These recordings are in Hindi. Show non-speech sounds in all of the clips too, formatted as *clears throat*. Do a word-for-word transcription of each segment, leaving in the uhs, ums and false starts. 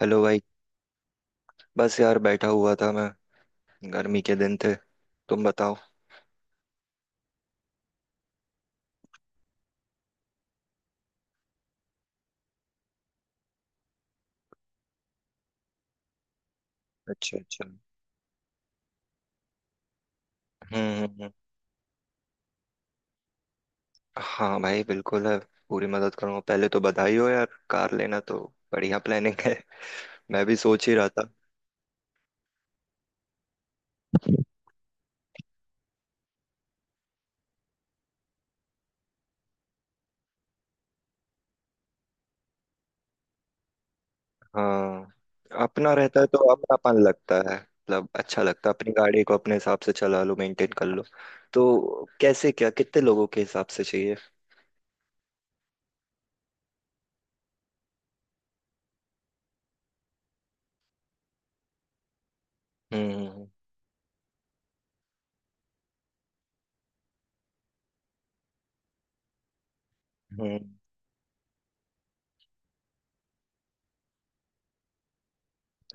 हेलो भाई। बस यार बैठा हुआ था मैं। गर्मी के दिन थे। तुम बताओ। अच्छा अच्छा, हम्म हम्म, हम्म। हाँ भाई बिल्कुल है, पूरी मदद करूंगा। पहले तो बधाई हो यार, कार लेना तो बढ़िया प्लानिंग है *laughs* मैं भी सोच ही रहा था। हाँ, अपना रहता है तो अपनापन लगता है, मतलब अच्छा लगता है, अपनी गाड़ी को अपने हिसाब से चला लो, मेंटेन कर लो। तो कैसे क्या, कितने लोगों के हिसाब से चाहिए? हम्म हम्म, हम्म, हम्म।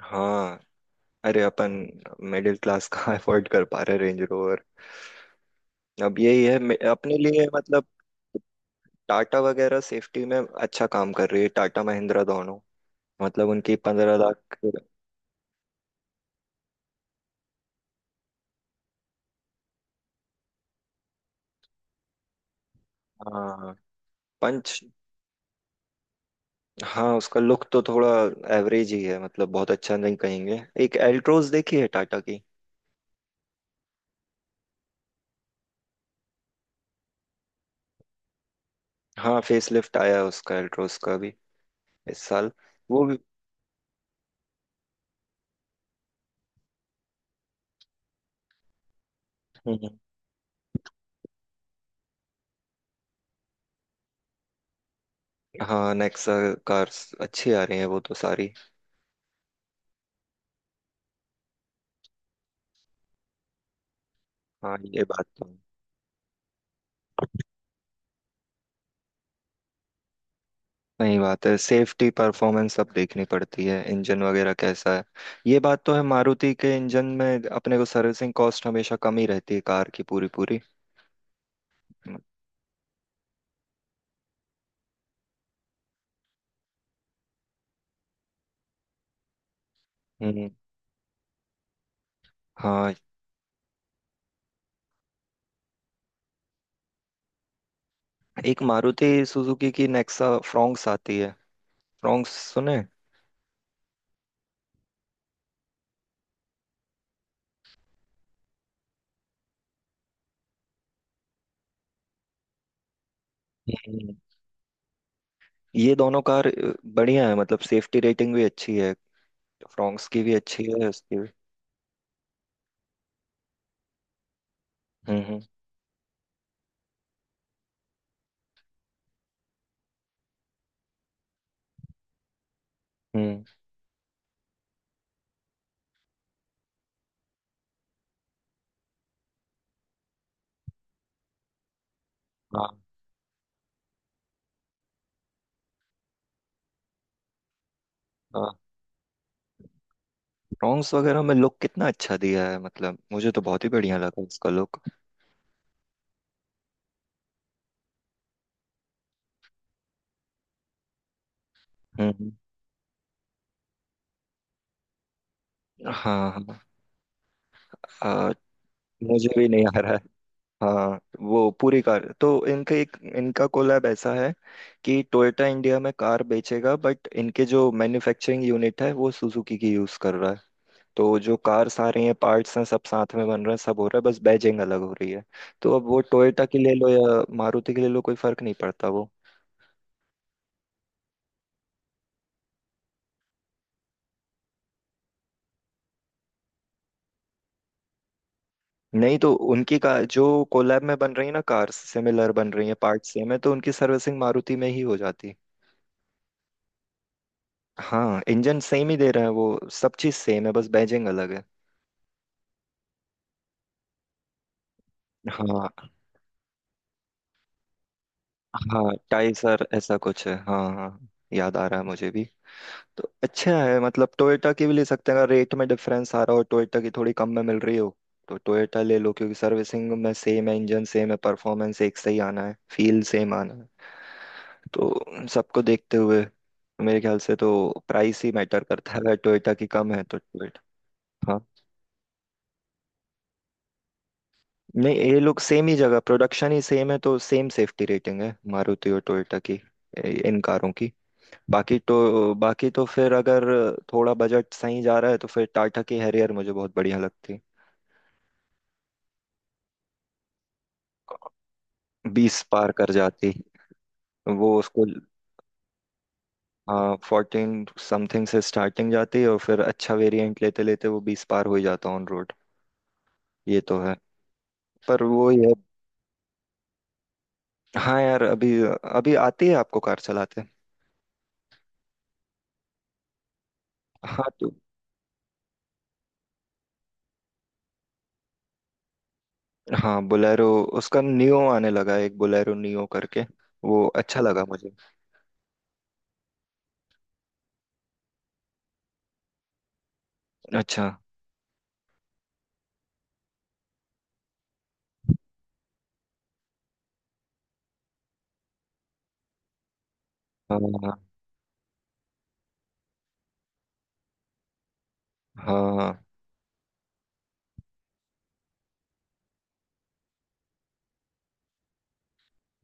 हाँ। अरे अपन मिडिल क्लास कहाँ अफोर्ड *laughs* कर पा रहे रेंज रोवर। अब यही है मे- अपने लिए मतलब। टाटा वगैरह सेफ्टी में अच्छा काम कर रही है, टाटा महिंद्रा दोनों। मतलब उनकी पंद्रह लाख। हाँ, पंच। हाँ, उसका लुक तो थोड़ा एवरेज ही है, मतलब बहुत अच्छा नहीं कहेंगे। एक एल्ट्रोज देखी है टाटा की। हाँ फेसलिफ्ट आया है उसका, एल्ट्रोज का भी, इस साल। वो भी। हम्म, हाँ नेक्सा कार्स अच्छी आ रही है वो तो सारी। हाँ ये बात तो सही बात है, सेफ्टी, परफॉर्मेंस सब देखनी पड़ती है, इंजन वगैरह कैसा है। ये बात तो है, मारुति के इंजन में अपने को सर्विसिंग कॉस्ट हमेशा कम ही रहती है, कार की पूरी पूरी। हम्म। हाँ एक मारुति सुजुकी की नेक्सा फ्रॉन्क्स आती है, फ्रॉन्क्स सुने। हम्म। ये दोनों कार अ, बढ़िया है मतलब, सेफ्टी रेटिंग भी अच्छी है, फ्रॉन्क्स की भी अच्छी है, उसकी भी। हम्म हम्म, हम्म, हाँ हाँ। फ्रॉन्क्स वगैरह में लुक कितना अच्छा दिया है, मतलब मुझे तो बहुत ही बढ़िया लगा उसका लुक। हम्म। हाँ हाँ। हाँ मुझे भी नहीं आ रहा है। हाँ, वो पूरी कार तो, इनका एक इनका कोलैब ऐसा है कि टोयोटा इंडिया में कार बेचेगा, बट इनके जो मैन्युफैक्चरिंग यूनिट है वो सुजुकी की यूज कर रहा है। तो जो कार्स आ रही हैं, पार्ट्स हैं, सब साथ में बन रहे हैं, सब हो रहा है, बस बैजिंग अलग हो रही है। तो अब वो टोयोटा की ले लो या मारुति की ले लो, कोई फर्क नहीं पड़ता वो। नहीं, तो उनकी का जो कोलैब में बन रही है ना कार्स, सिमिलर बन रही है, पार्ट सेम है, तो उनकी सर्विसिंग मारुति में ही हो जाती है। हाँ इंजन सेम ही दे रहा है वो, सब चीज सेम है, बस बैजिंग अलग है। हाँ हाँ, टाइसर ऐसा कुछ है, हाँ हाँ, याद आ रहा है मुझे भी। तो अच्छा है, मतलब टोयोटा की भी ले सकते हैं अगर रेट में डिफरेंस आ रहा हो, टोयोटा की थोड़ी कम में मिल रही हो तो टोयोटा ले लो, क्योंकि सर्विसिंग में सेम है, इंजन सेम है, परफॉर्मेंस एक से ही आना है, फील सेम आना है। तो सबको देखते हुए मेरे ख्याल से तो प्राइस ही मैटर करता है, अगर टोयोटा की कम है तो टोयोटा। नहीं ये लोग सेम ही जगह, प्रोडक्शन ही सेम है, तो सेम सेफ्टी रेटिंग है मारुति और टोयोटा की, ए- इन कारों की। बाकी तो, बाकी तो फिर अगर थोड़ा बजट सही जा रहा है तो फिर टाटा की हैरियर मुझे बहुत बढ़िया लगती। बीस पार कर जाती वो उसको। हाँ फोर्टीन समथिंग से स्टार्टिंग जाती है, और फिर अच्छा वेरिएंट लेते लेते वो बीस पार हो ही जाता ऑन रोड। ये तो है। पर वो ये। हाँ यार, अभी अभी आती है आपको कार चलाते। हाँ तो, हाँ बोलेरो, उसका नियो आने लगा है, एक बोलेरो नियो करके, वो अच्छा लगा मुझे। अच्छा, हाँ हाँ।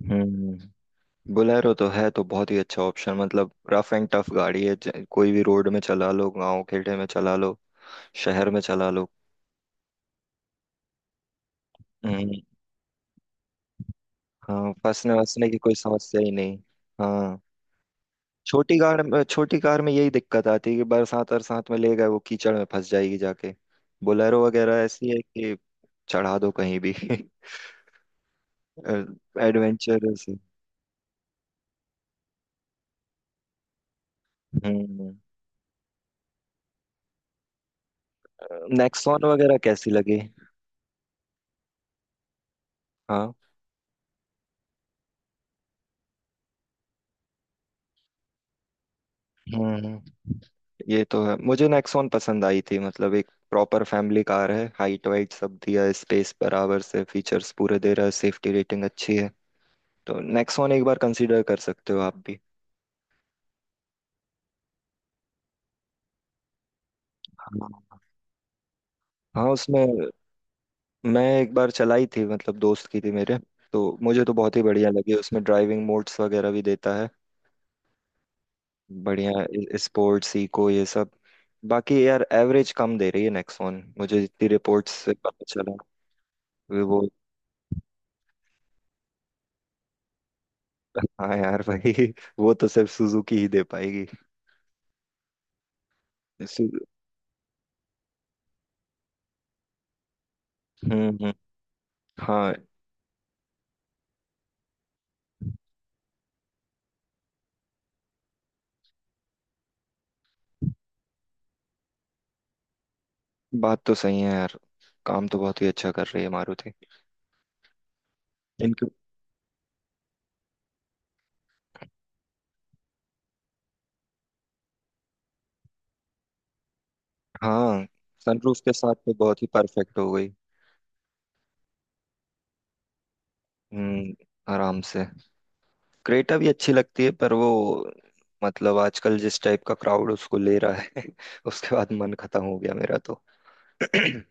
हम्म, बोलेरो तो है तो बहुत ही अच्छा ऑप्शन, मतलब रफ एंड टफ गाड़ी है, ज- कोई भी रोड में चला लो, गांव खेड़े में चला लो, शहर में चला लो। हम्म। हाँ, फंसने वसने की कोई समस्या ही नहीं। हाँ, छोटी कार में छोटी कार में यही दिक्कत आती है कि बरसात अरसात में ले गए वो कीचड़ में फंस जाएगी जाके। बोलेरो वगैरह ऐसी है कि चढ़ा दो कहीं भी *laughs* एडवेंचरस। हम्म। नेक्सॉन वगैरह कैसी लगी? हाँ। हम्म, ये तो है। मुझे नेक्सॉन पसंद आई थी, मतलब एक प्रॉपर फैमिली कार है, हाइट वाइट सब दिया है, स्पेस बराबर से, फीचर्स पूरे दे रहा है, सेफ्टी रेटिंग अच्छी है, तो नेक्सॉन एक बार कंसीडर कर सकते हो आप भी। हाँ। हाँ उसमें, मैं एक बार चलाई थी, मतलब दोस्त की थी मेरे, तो मुझे तो बहुत ही बढ़िया लगी, उसमें ड्राइविंग मोड्स वगैरह भी देता है, बढ़िया स्पोर्ट्स, इको ये सब। बाकी यार एवरेज कम दे रही है नेक्सॉन, मुझे जितनी रिपोर्ट्स से पता चला, वे वो। *laughs* हाँ यार भाई *laughs* वो तो सिर्फ सुजुकी ही दे पाएगी। सु- हम्म हम्म, हाँ, बात तो सही है यार, काम तो बहुत ही अच्छा कर रही है मारुति। इनके। हाँ, सनरूफ के साथ तो बहुत ही परफेक्ट हो गई। हम्म, आराम से। क्रेटा भी अच्छी लगती है, पर वो, मतलब आजकल जिस टाइप का क्राउड उसको ले रहा है *laughs* उसके बाद मन खत्म हो गया मेरा तो। *clears throat*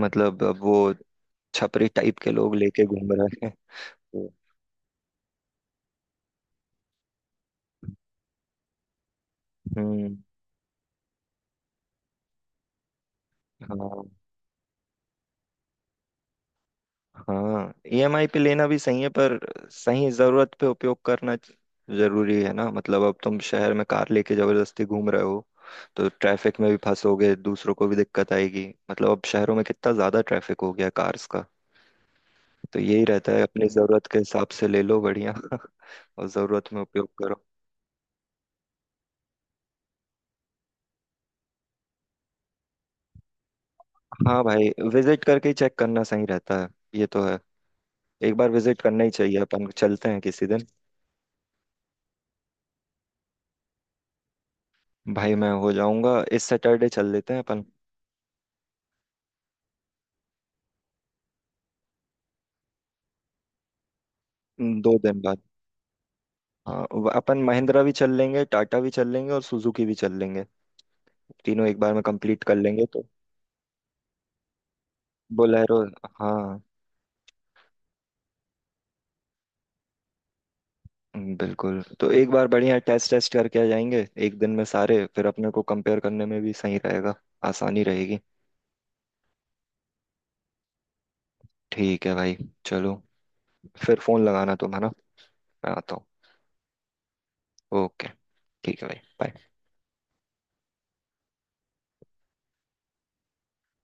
मतलब अब वो छपरी टाइप के लोग लेके घूम रहे हैं। तो, हम्म। हाँ हाँ, ईएमआई पे लेना भी सही है पर सही जरूरत पे उपयोग करना ज- जरूरी है ना, मतलब अब तुम शहर में कार लेके जबरदस्ती घूम रहे हो तो ट्रैफिक में भी फंसोगे, दूसरों को भी दिक्कत आएगी, मतलब अब शहरों में कितना ज्यादा ट्रैफिक हो गया, कार्स का। तो यही रहता है, अपनी जरूरत के हिसाब से ले लो बढ़िया *laughs* और जरूरत में उपयोग करो। हाँ भाई, विजिट करके ही चेक करना सही रहता है, ये तो है, एक बार विजिट करना ही चाहिए, अपन चलते हैं किसी दिन। भाई मैं हो जाऊंगा, इस सैटरडे चल लेते हैं अपन। हम्म, दो दिन बाद। हाँ, व- अपन महिंद्रा भी चल लेंगे, टाटा भी चल लेंगे, और सुजुकी भी चल लेंगे, तीनों एक बार में कंप्लीट कर लेंगे तो। बोलेरो, हाँ। हम्म, बिल्कुल, तो एक बार बढ़िया टेस्ट टेस्ट करके आ जाएंगे एक दिन में सारे, फिर अपने को कंपेयर करने में भी सही रहेगा, आसानी रहेगी। ठीक है भाई, चलो, फिर फोन लगाना तुम, है ना, मैं आता हूँ। ओके, ठीक है भाई bye।